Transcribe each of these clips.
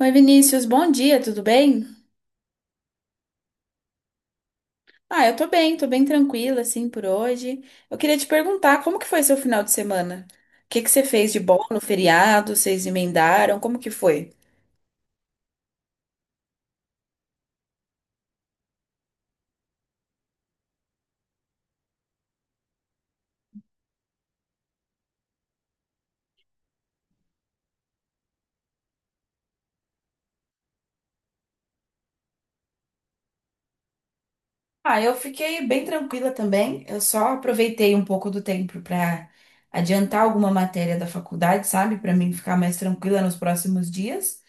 Oi, Vinícius, bom dia, tudo bem? Ah, eu tô bem tranquila, assim, por hoje. Eu queria te perguntar, como que foi seu final de semana? O que que você fez de bom no feriado? Vocês emendaram? Como que foi? Ah, eu fiquei bem tranquila também. Eu só aproveitei um pouco do tempo para adiantar alguma matéria da faculdade, sabe? Para mim ficar mais tranquila nos próximos dias.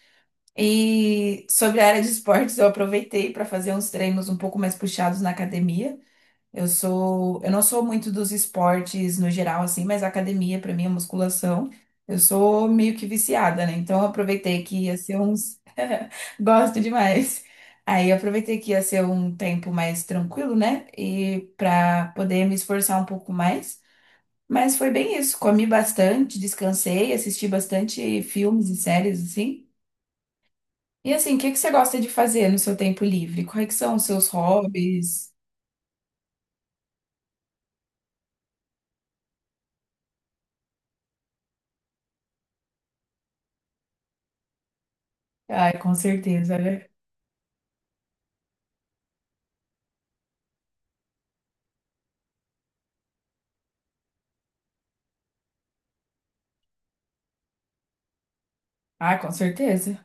E sobre a área de esportes, eu aproveitei para fazer uns treinos um pouco mais puxados na academia. Eu não sou muito dos esportes no geral, assim, mas a academia, pra mim, a musculação, eu sou meio que viciada, né? Então, eu aproveitei que ia ser uns. Gosto demais. Aí, eu aproveitei que ia ser um tempo mais tranquilo, né? E pra poder me esforçar um pouco mais. Mas foi bem isso. Comi bastante, descansei, assisti bastante filmes e séries, assim. E assim, o que que você gosta de fazer no seu tempo livre? Quais que são os seus hobbies? Ai, com certeza, né? Ah, com certeza.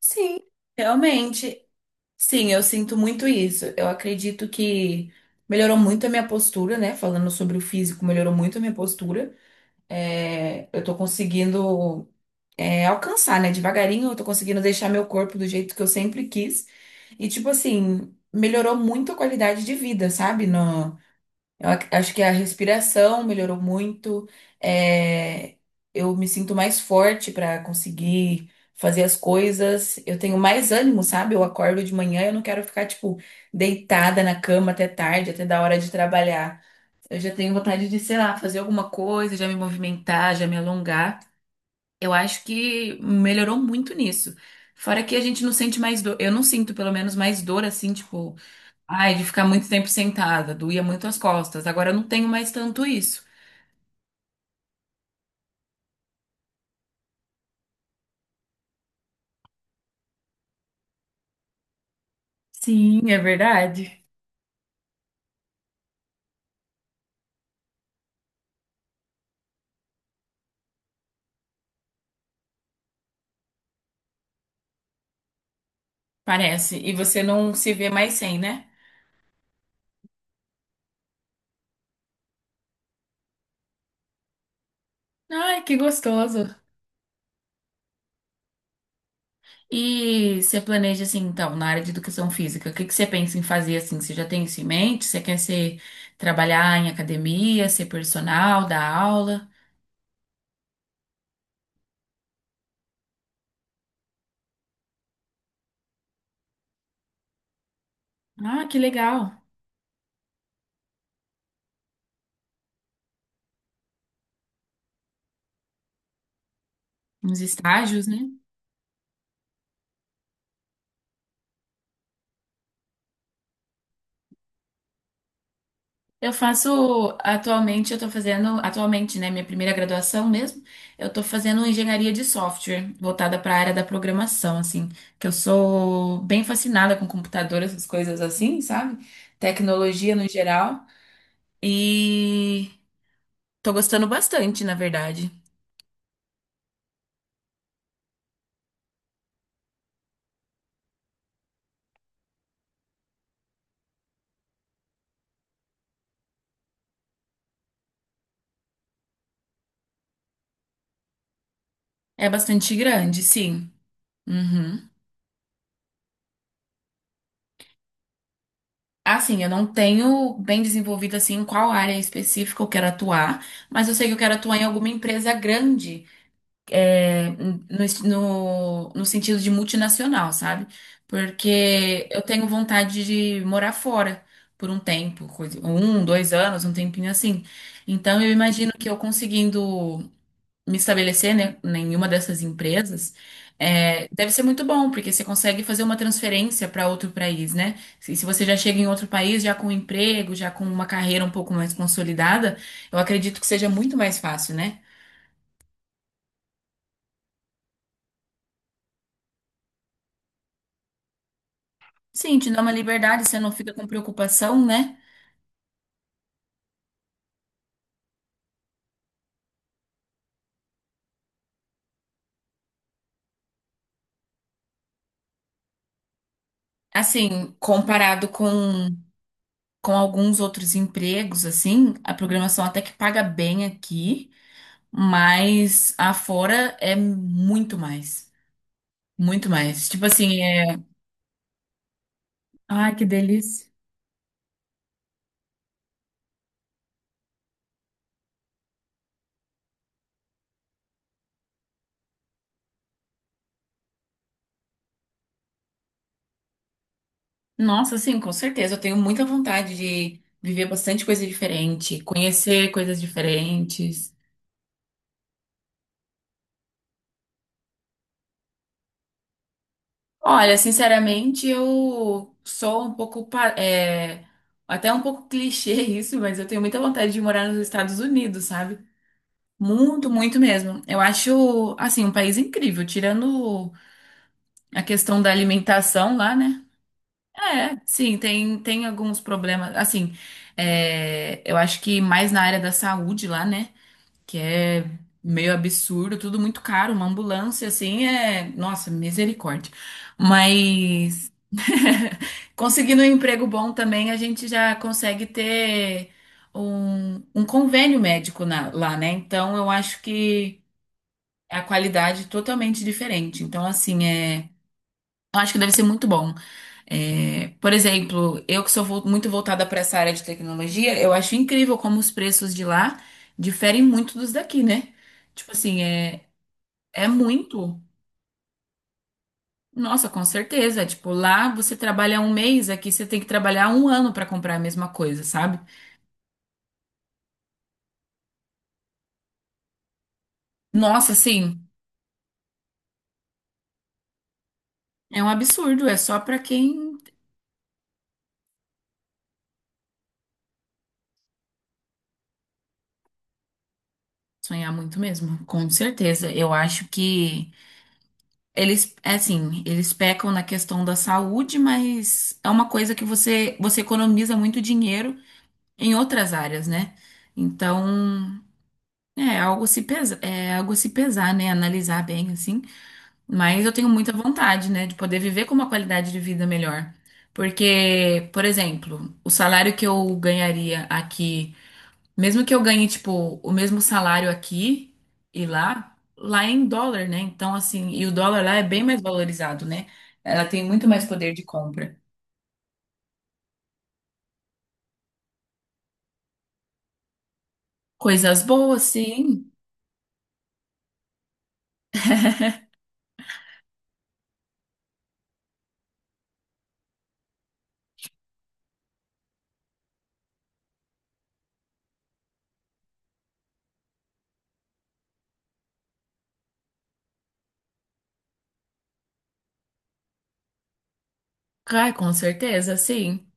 Sim, realmente. Sim, eu sinto muito isso. Eu acredito que melhorou muito a minha postura, né? Falando sobre o físico, melhorou muito a minha postura. É, eu tô conseguindo, é, alcançar, né? Devagarinho, eu tô conseguindo deixar meu corpo do jeito que eu sempre quis. E, tipo assim, melhorou muito a qualidade de vida, sabe? No, Eu ac- Acho que a respiração melhorou muito. É, eu me sinto mais forte para conseguir fazer as coisas. Eu tenho mais ânimo, sabe? Eu acordo de manhã, eu não quero ficar, tipo, deitada na cama até tarde, até da hora de trabalhar. Eu já tenho vontade de, sei lá, fazer alguma coisa, já me movimentar, já me alongar. Eu acho que melhorou muito nisso. Fora que a gente não sente mais dor. Eu não sinto, pelo menos, mais dor, assim, tipo. Ai, de ficar muito tempo sentada, doía muito as costas. Agora eu não tenho mais tanto isso. Sim, é verdade. Parece. E você não se vê mais sem, né? Ai, que gostoso. E você planeja assim, então, na área de educação física, o que que você pensa em fazer assim? Você já tem isso em mente? Você quer ser, trabalhar em academia, ser personal, dar aula? Ah, que legal. Uns estágios, né? Eu faço atualmente, eu tô fazendo, atualmente, né, minha primeira graduação mesmo, eu tô fazendo engenharia de software, voltada para a área da programação, assim, que eu sou bem fascinada com computador, essas coisas assim, sabe? Tecnologia no geral, e tô gostando bastante, na verdade. É bastante grande, sim. Uhum. Assim, eu não tenho bem desenvolvido assim em qual área específica eu quero atuar, mas eu sei que eu quero atuar em alguma empresa grande, é, no sentido de multinacional, sabe? Porque eu tenho vontade de morar fora por um tempo, coisa, um, dois anos, um tempinho assim. Então eu imagino que eu conseguindo me estabelecer, né, em uma dessas empresas, é, deve ser muito bom, porque você consegue fazer uma transferência para outro país, né? Se você já chega em outro país, já com um emprego, já com uma carreira um pouco mais consolidada, eu acredito que seja muito mais fácil, né? Sim, te dá uma liberdade, você não fica com preocupação, né? Assim, comparado com alguns outros empregos, assim, a programação até que paga bem aqui, mas afora é muito mais. Muito mais. Tipo assim, é, ai, que delícia. Nossa, sim, com certeza. Eu tenho muita vontade de viver bastante coisa diferente, conhecer coisas diferentes. Olha, sinceramente, eu sou um pouco, é, até um pouco clichê isso, mas eu tenho muita vontade de morar nos Estados Unidos, sabe? Muito, muito mesmo. Eu acho, assim, um país incrível, tirando a questão da alimentação lá, né? É, sim, tem, tem alguns problemas. Assim, é, eu acho que mais na área da saúde lá, né? Que é meio absurdo, tudo muito caro, uma ambulância assim é, nossa, misericórdia. Mas conseguindo um emprego bom também, a gente já consegue ter um, um convênio médico lá, né? Então eu acho que a qualidade é totalmente diferente. Então, assim, é, eu acho que deve ser muito bom. É, por exemplo, eu que sou muito voltada para essa área de tecnologia, eu acho incrível como os preços de lá diferem muito dos daqui, né? Tipo assim, é, é muito. Nossa, com certeza. Tipo, lá você trabalha um mês, aqui você tem que trabalhar um ano para comprar a mesma coisa, sabe? Nossa, assim, é um absurdo. É só para quem sonhar muito mesmo, com certeza. Eu acho que. Eles, é assim, eles pecam na questão da saúde, mas é uma coisa que você economiza muito dinheiro em outras áreas, né? Então, é algo a se pesa, é algo a se pesar, né? Analisar bem, assim. Mas eu tenho muita vontade, né, de poder viver com uma qualidade de vida melhor. Porque, por exemplo, o salário que eu ganharia aqui. Mesmo que eu ganhe, tipo, o mesmo salário aqui e lá, lá é em dólar, né? Então, assim, e o dólar lá é bem mais valorizado, né? Ela tem muito mais poder de compra. Coisas boas, sim. Ai, com certeza, sim.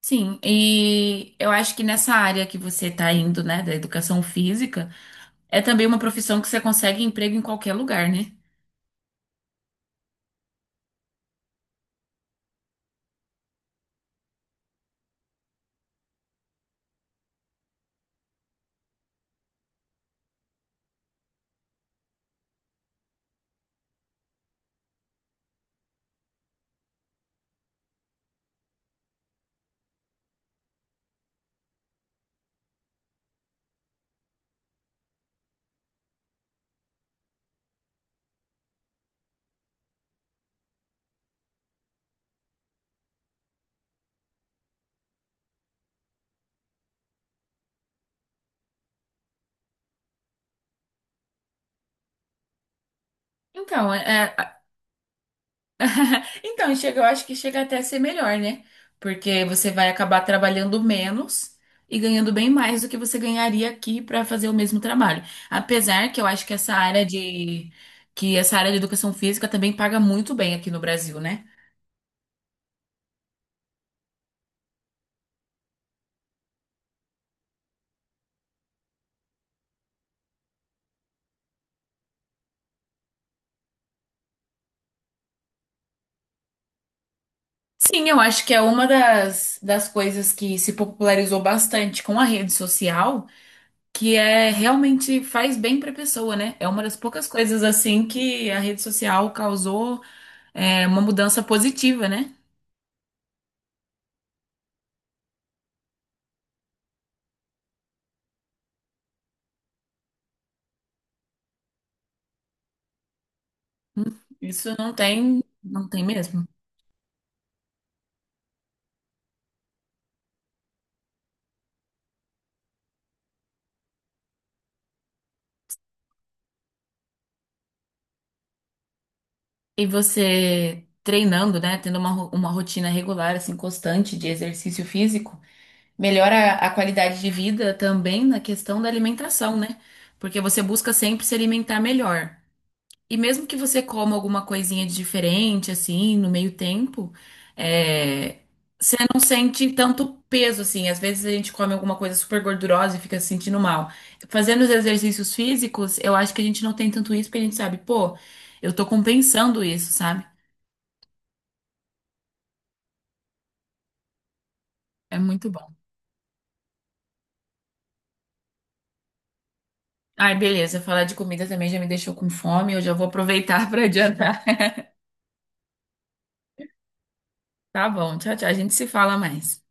Sim. E eu acho que nessa área que você tá indo, né, da educação física, é também uma profissão que você consegue emprego em qualquer lugar, né? Então, é, Então, chega, eu acho que chega até a ser melhor, né? Porque você vai acabar trabalhando menos e ganhando bem mais do que você ganharia aqui para fazer o mesmo trabalho. Apesar que eu acho que essa área de que essa área de educação física também paga muito bem aqui no Brasil, né? Sim, eu acho que é uma das, das coisas que se popularizou bastante com a rede social, que é realmente faz bem para a pessoa, né? É uma das poucas coisas assim que a rede social causou é, uma mudança positiva, né? Isso não tem, não tem mesmo. E você treinando, né, tendo uma, uma rotina regular, assim, constante de exercício físico, melhora a qualidade de vida também na questão da alimentação, né? Porque você busca sempre se alimentar melhor. E mesmo que você coma alguma coisinha de diferente, assim, no meio tempo, é, você não sente tanto peso, assim. Às vezes a gente come alguma coisa super gordurosa e fica se sentindo mal. Fazendo os exercícios físicos, eu acho que a gente não tem tanto isso, porque a gente sabe, pô, eu tô compensando isso, sabe? É muito bom. Ai, beleza. Falar de comida também já me deixou com fome. Eu já vou aproveitar para adiantar. Tá bom, tchau, tchau. A gente se fala mais.